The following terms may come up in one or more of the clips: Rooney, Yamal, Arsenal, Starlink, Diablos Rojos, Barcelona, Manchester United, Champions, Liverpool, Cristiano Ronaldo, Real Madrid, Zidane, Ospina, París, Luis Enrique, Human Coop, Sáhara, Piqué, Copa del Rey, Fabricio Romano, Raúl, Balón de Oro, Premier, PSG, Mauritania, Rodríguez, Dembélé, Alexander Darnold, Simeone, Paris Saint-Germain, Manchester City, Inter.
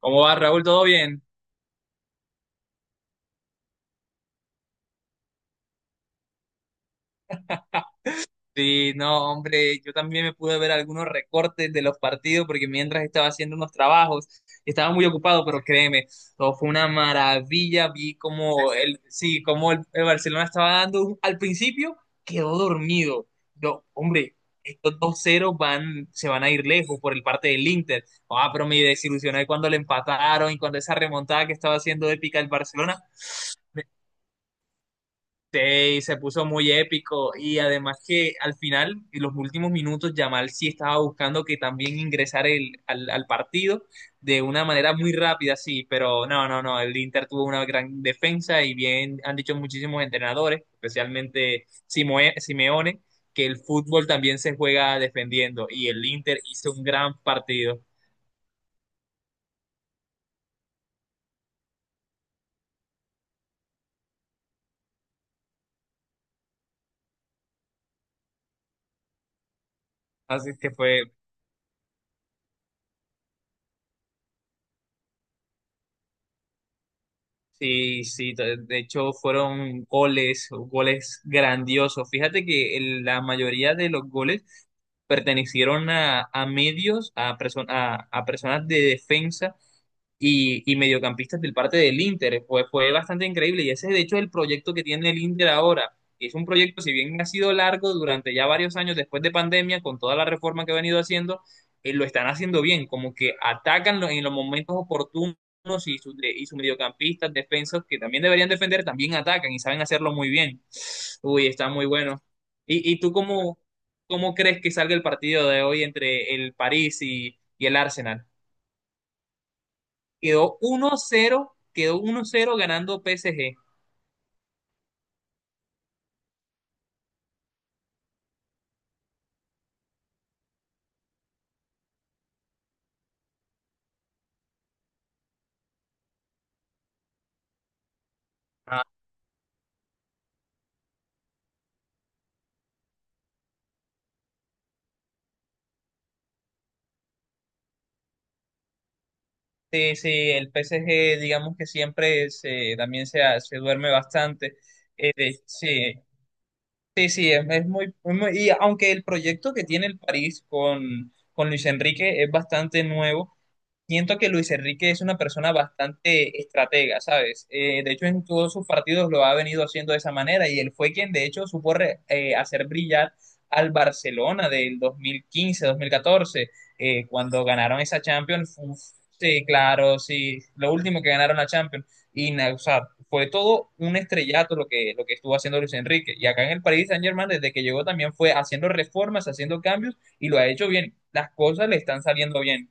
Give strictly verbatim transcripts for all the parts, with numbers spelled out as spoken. ¿Cómo va, Raúl? ¿Todo bien? Sí, no, hombre, yo también me pude ver algunos recortes de los partidos porque mientras estaba haciendo unos trabajos, estaba muy ocupado, pero créeme, todo fue una maravilla. Vi como el, sí, como el, el Barcelona estaba dando un- al principio, quedó dormido. Yo, hombre, estos dos cero van, se van a ir lejos por el parte del Inter. Ah, pero me desilusioné cuando le empataron y cuando esa remontada que estaba haciendo épica el Barcelona. Sí, se puso muy épico y además que al final, en los últimos minutos, Yamal sí estaba buscando que también ingresar el, al, al partido de una manera muy rápida, sí, pero no, no, no, el Inter tuvo una gran defensa y bien han dicho muchísimos entrenadores, especialmente Simoe- Simeone, que el fútbol también se juega defendiendo y el Inter hizo un gran partido, así que fue... Sí, sí, de de hecho fueron goles, goles grandiosos. Fíjate que el- la mayoría de los goles pertenecieron a, a medios, a, perso- a, a personas de defensa y, y mediocampistas del parte del Inter. Fue, fue bastante increíble y ese de hecho es el proyecto que tiene el Inter ahora. Es un proyecto, si bien ha sido largo durante ya varios años después de pandemia, con toda la reforma que ha venido haciendo, eh, lo están haciendo bien, como que atacan lo- en los momentos oportunos unos y, sus de- y sus mediocampistas, defensas que también deberían defender, también atacan y saben hacerlo muy bien. Uy, está muy bueno. ¿Y, y tú cómo, cómo crees que salga el partido de hoy entre el París y, y el Arsenal? Quedó uno cero, quedó uno cero ganando P S G. Ah, sí, sí, el P S G digamos que siempre se, también se, se duerme bastante. Eh, de- sí, sí, sí, es, es muy, es muy- Y aunque el proyecto que tiene el París con, con Luis Enrique es bastante nuevo, siento que Luis Enrique es una persona bastante estratega, ¿sabes? Eh, de hecho, en todos sus partidos lo ha venido haciendo de esa manera y él fue quien, de hecho, supo re- eh, hacer brillar al Barcelona del dos mil quince-dos mil catorce, eh, cuando ganaron esa Champions. Uf, sí, claro, sí, lo último que ganaron la Champions. Y, na- o sea, fue todo un estrellato lo que, lo que estuvo haciendo Luis Enrique. Y acá en el Paris Saint-Germain, desde que llegó, también fue haciendo reformas, haciendo cambios y lo ha hecho bien. Las cosas le están saliendo bien.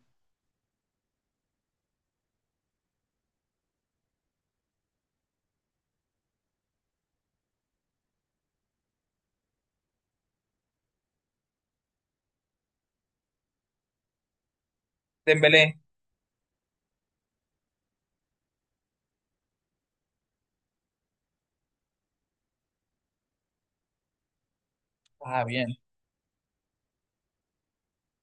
Dembélé. Ah, bien.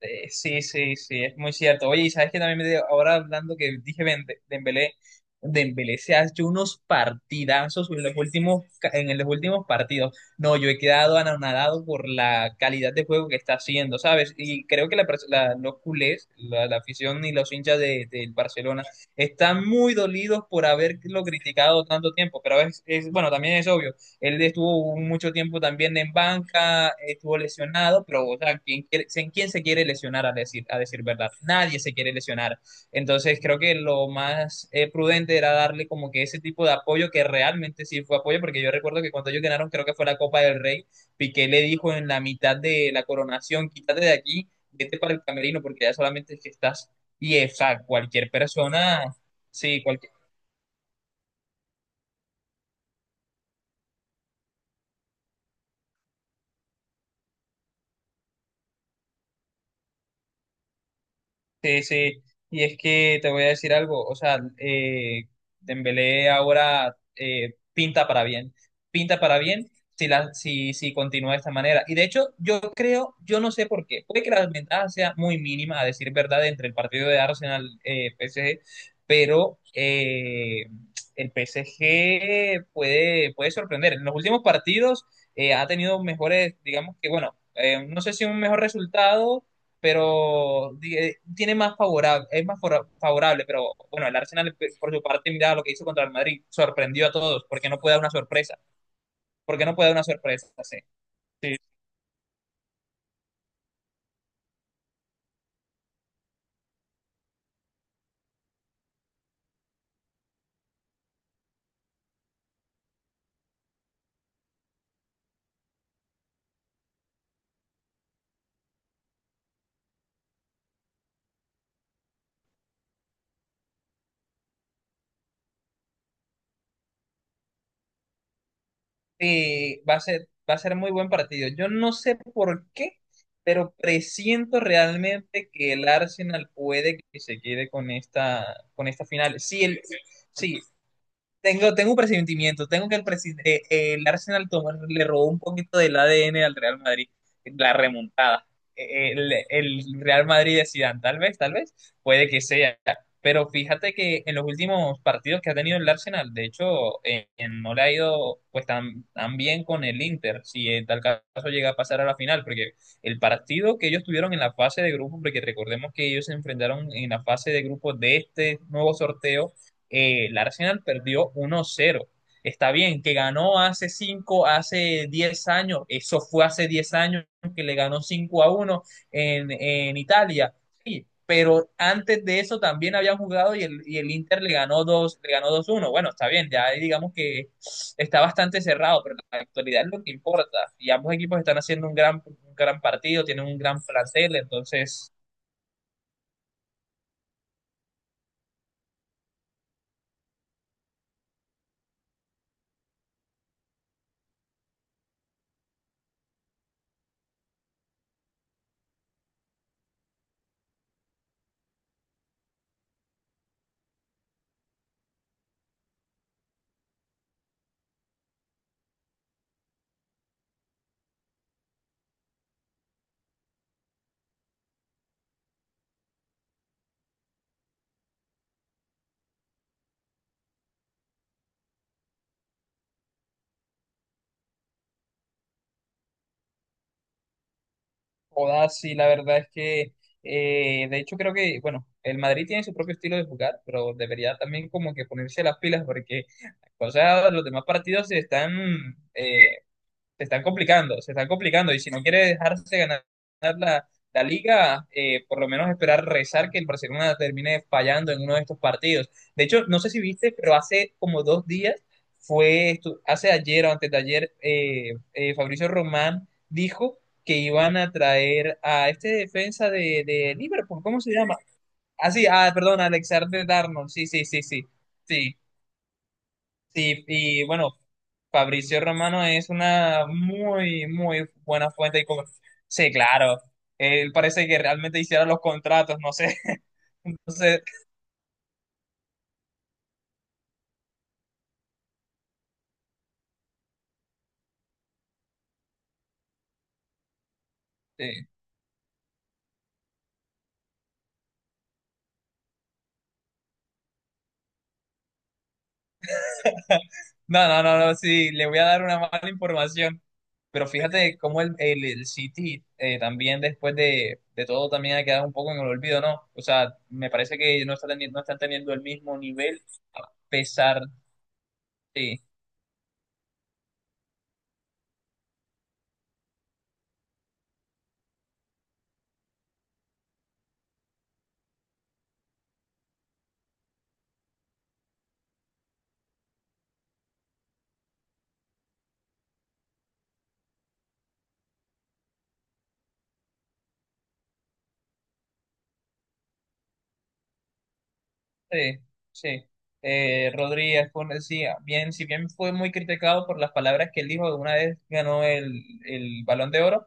Eh, sí, sí, sí, es muy cierto. Oye, y sabes que también me dio- ahora hablando que dije Ben Dembélé, Dembélé se ha hecho unos partidazos en los últimos, ca- en los últimos partidos. No, yo he quedado anonadado por la calidad de juego que está haciendo, ¿sabes? Y creo que la, pers- la- los culés, la, la afición y los hinchas de, del Barcelona están muy dolidos por haberlo criticado tanto tiempo, pero es, es bueno, también es obvio. Él estuvo mucho tiempo también en banca, estuvo lesionado, pero o sea, ¿quién, quiere- se- quién se quiere lesionar a decir, a decir verdad? Nadie se quiere lesionar. Entonces creo que lo más eh, prudente era darle como que ese tipo de apoyo que realmente sí fue apoyo, porque yo recuerdo que cuando ellos ganaron, creo que fue la Copa del Rey, Piqué le dijo en la mitad de la coronación, quítate de aquí, vete para el camerino, porque ya solamente es que estás... Y, o sea, cualquier persona... Sí, cualquier... Sí, sí, y es que te voy a decir algo, o sea, eh, Dembélé ahora eh, pinta para bien, pinta para bien si, la, si, si continúa de esta manera. Y de hecho, yo creo, yo no sé por qué, puede que la ventaja sea muy mínima, a decir verdad, entre el partido de Arsenal-P S G, pero eh, el P S G puede, puede sorprender. En los últimos partidos eh, ha tenido mejores, digamos que, bueno, eh, no sé si un mejor resultado, pero di- eh, tiene más favorable, es más fora- favorable, pero bueno, el Arsenal por su parte, mira lo que hizo contra el Madrid, sorprendió a todos, porque no puede dar una sorpresa, porque no puede dar una sorpresa, sí. Sí. Sí, va a ser, va a ser muy buen partido. Yo no sé por qué, pero presiento realmente que el Arsenal puede que se quede con esta, con esta final. Sí, el, sí, tengo, tengo un presentimiento, tengo que el, presi- eh, eh, el Arsenal tomó- le robó un poquito del A D N al Real Madrid, la remontada. Eh, eh, El, el Real Madrid de Zidane, tal vez, tal vez, puede que sea. Pero fíjate que en los últimos partidos que ha tenido el Arsenal, de hecho, eh, eh, no le ha ido pues tan, tan bien con el Inter, si en tal caso llega a pasar a la final, porque el partido que ellos tuvieron en la fase de grupo, porque recordemos que ellos se enfrentaron en la fase de grupo de este nuevo sorteo, eh, el Arsenal perdió uno cero. Está bien, que ganó hace cinco, hace diez años, eso fue hace diez años que le ganó cinco a uno en, en Italia. Sí, pero antes de eso también habían jugado y el, y el Inter le ganó dos, le ganó dos uno. Bueno, está bien, ya digamos que está bastante cerrado, pero la actualidad es lo que importa. Y ambos equipos están haciendo un gran, un gran partido, tienen un gran plantel, entonces... Joda, sí, la verdad es que, eh, de hecho creo que, bueno, el Madrid tiene su propio estilo de jugar, pero debería también como que ponerse las pilas porque, o sea, los demás partidos se están, eh, se están complicando, se están complicando. Y si no quiere dejarse ganar, la, la liga, eh, por lo menos esperar rezar que el Barcelona termine fallando en uno de estos partidos. De hecho, no sé si viste, pero hace como dos días, fue estu- hace ayer o antes de ayer, eh, eh, Fabricio Román dijo que iban a traer a este defensa de, de Liverpool, ¿cómo se llama? Ah, sí, ah, perdón, Alexander Darnold, sí, sí, sí, sí, sí. Sí, y bueno, Fabricio Romano es una muy, muy buena fuente de comer-. Sí, claro. Él parece que realmente hiciera los contratos, no sé. Entonces, eh, no, no, no, no, sí, le voy a dar una mala información. Pero fíjate cómo el, el, el City eh, también después de, de todo también ha quedado un poco en el olvido, ¿no? O sea, me parece que no está teniendo, no están teniendo el mismo nivel a pesar, de... Sí, sí. Eh, Rodríguez fue, un- sí, bien, si bien fue muy criticado por las palabras que él dijo una vez ganó el, el Balón de Oro,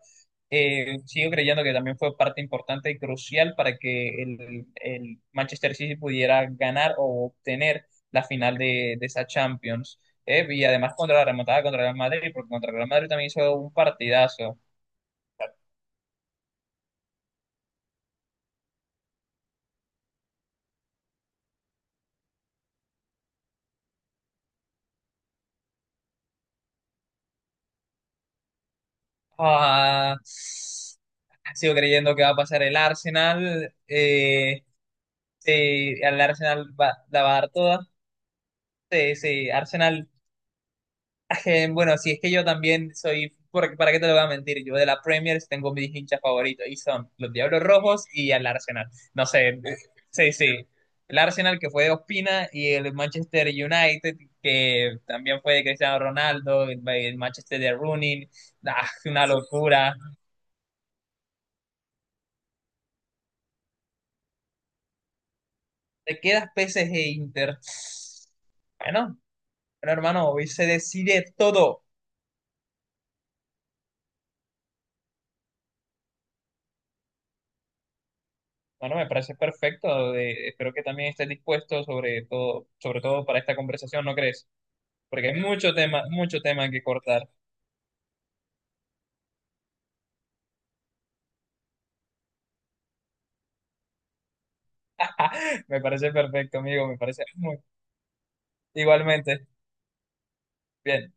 eh, sigo creyendo que también fue parte importante y crucial para que el, el Manchester City pudiera ganar o obtener la final de, de esa Champions. Eh, y además contra la remontada contra el Real Madrid, porque contra el Real Madrid también hizo un partidazo. Ah, sigo creyendo que va a pasar el Arsenal. eh, Sí, al Arsenal va, la va a dar toda. Sí, sí, Arsenal. Bueno, si es que yo también soy, porque, ¿para qué te lo voy a mentir? Yo de la Premier tengo mis hinchas favoritos y son los Diablos Rojos y el Arsenal. No sé, eh, sí, sí. El Arsenal que fue de Ospina y el Manchester United que también fue de Cristiano Ronaldo, el, el Manchester de Rooney. Ah, una locura. Te quedas P S G Inter. Bueno, bueno, hermano, hoy se decide todo. Bueno, me parece perfecto. De- espero que también estés dispuesto sobre todo, sobre todo para esta conversación, ¿no crees? Porque hay mucho tema, mucho tema que cortar. Me parece perfecto, amigo. Me parece muy. Igualmente. Bien.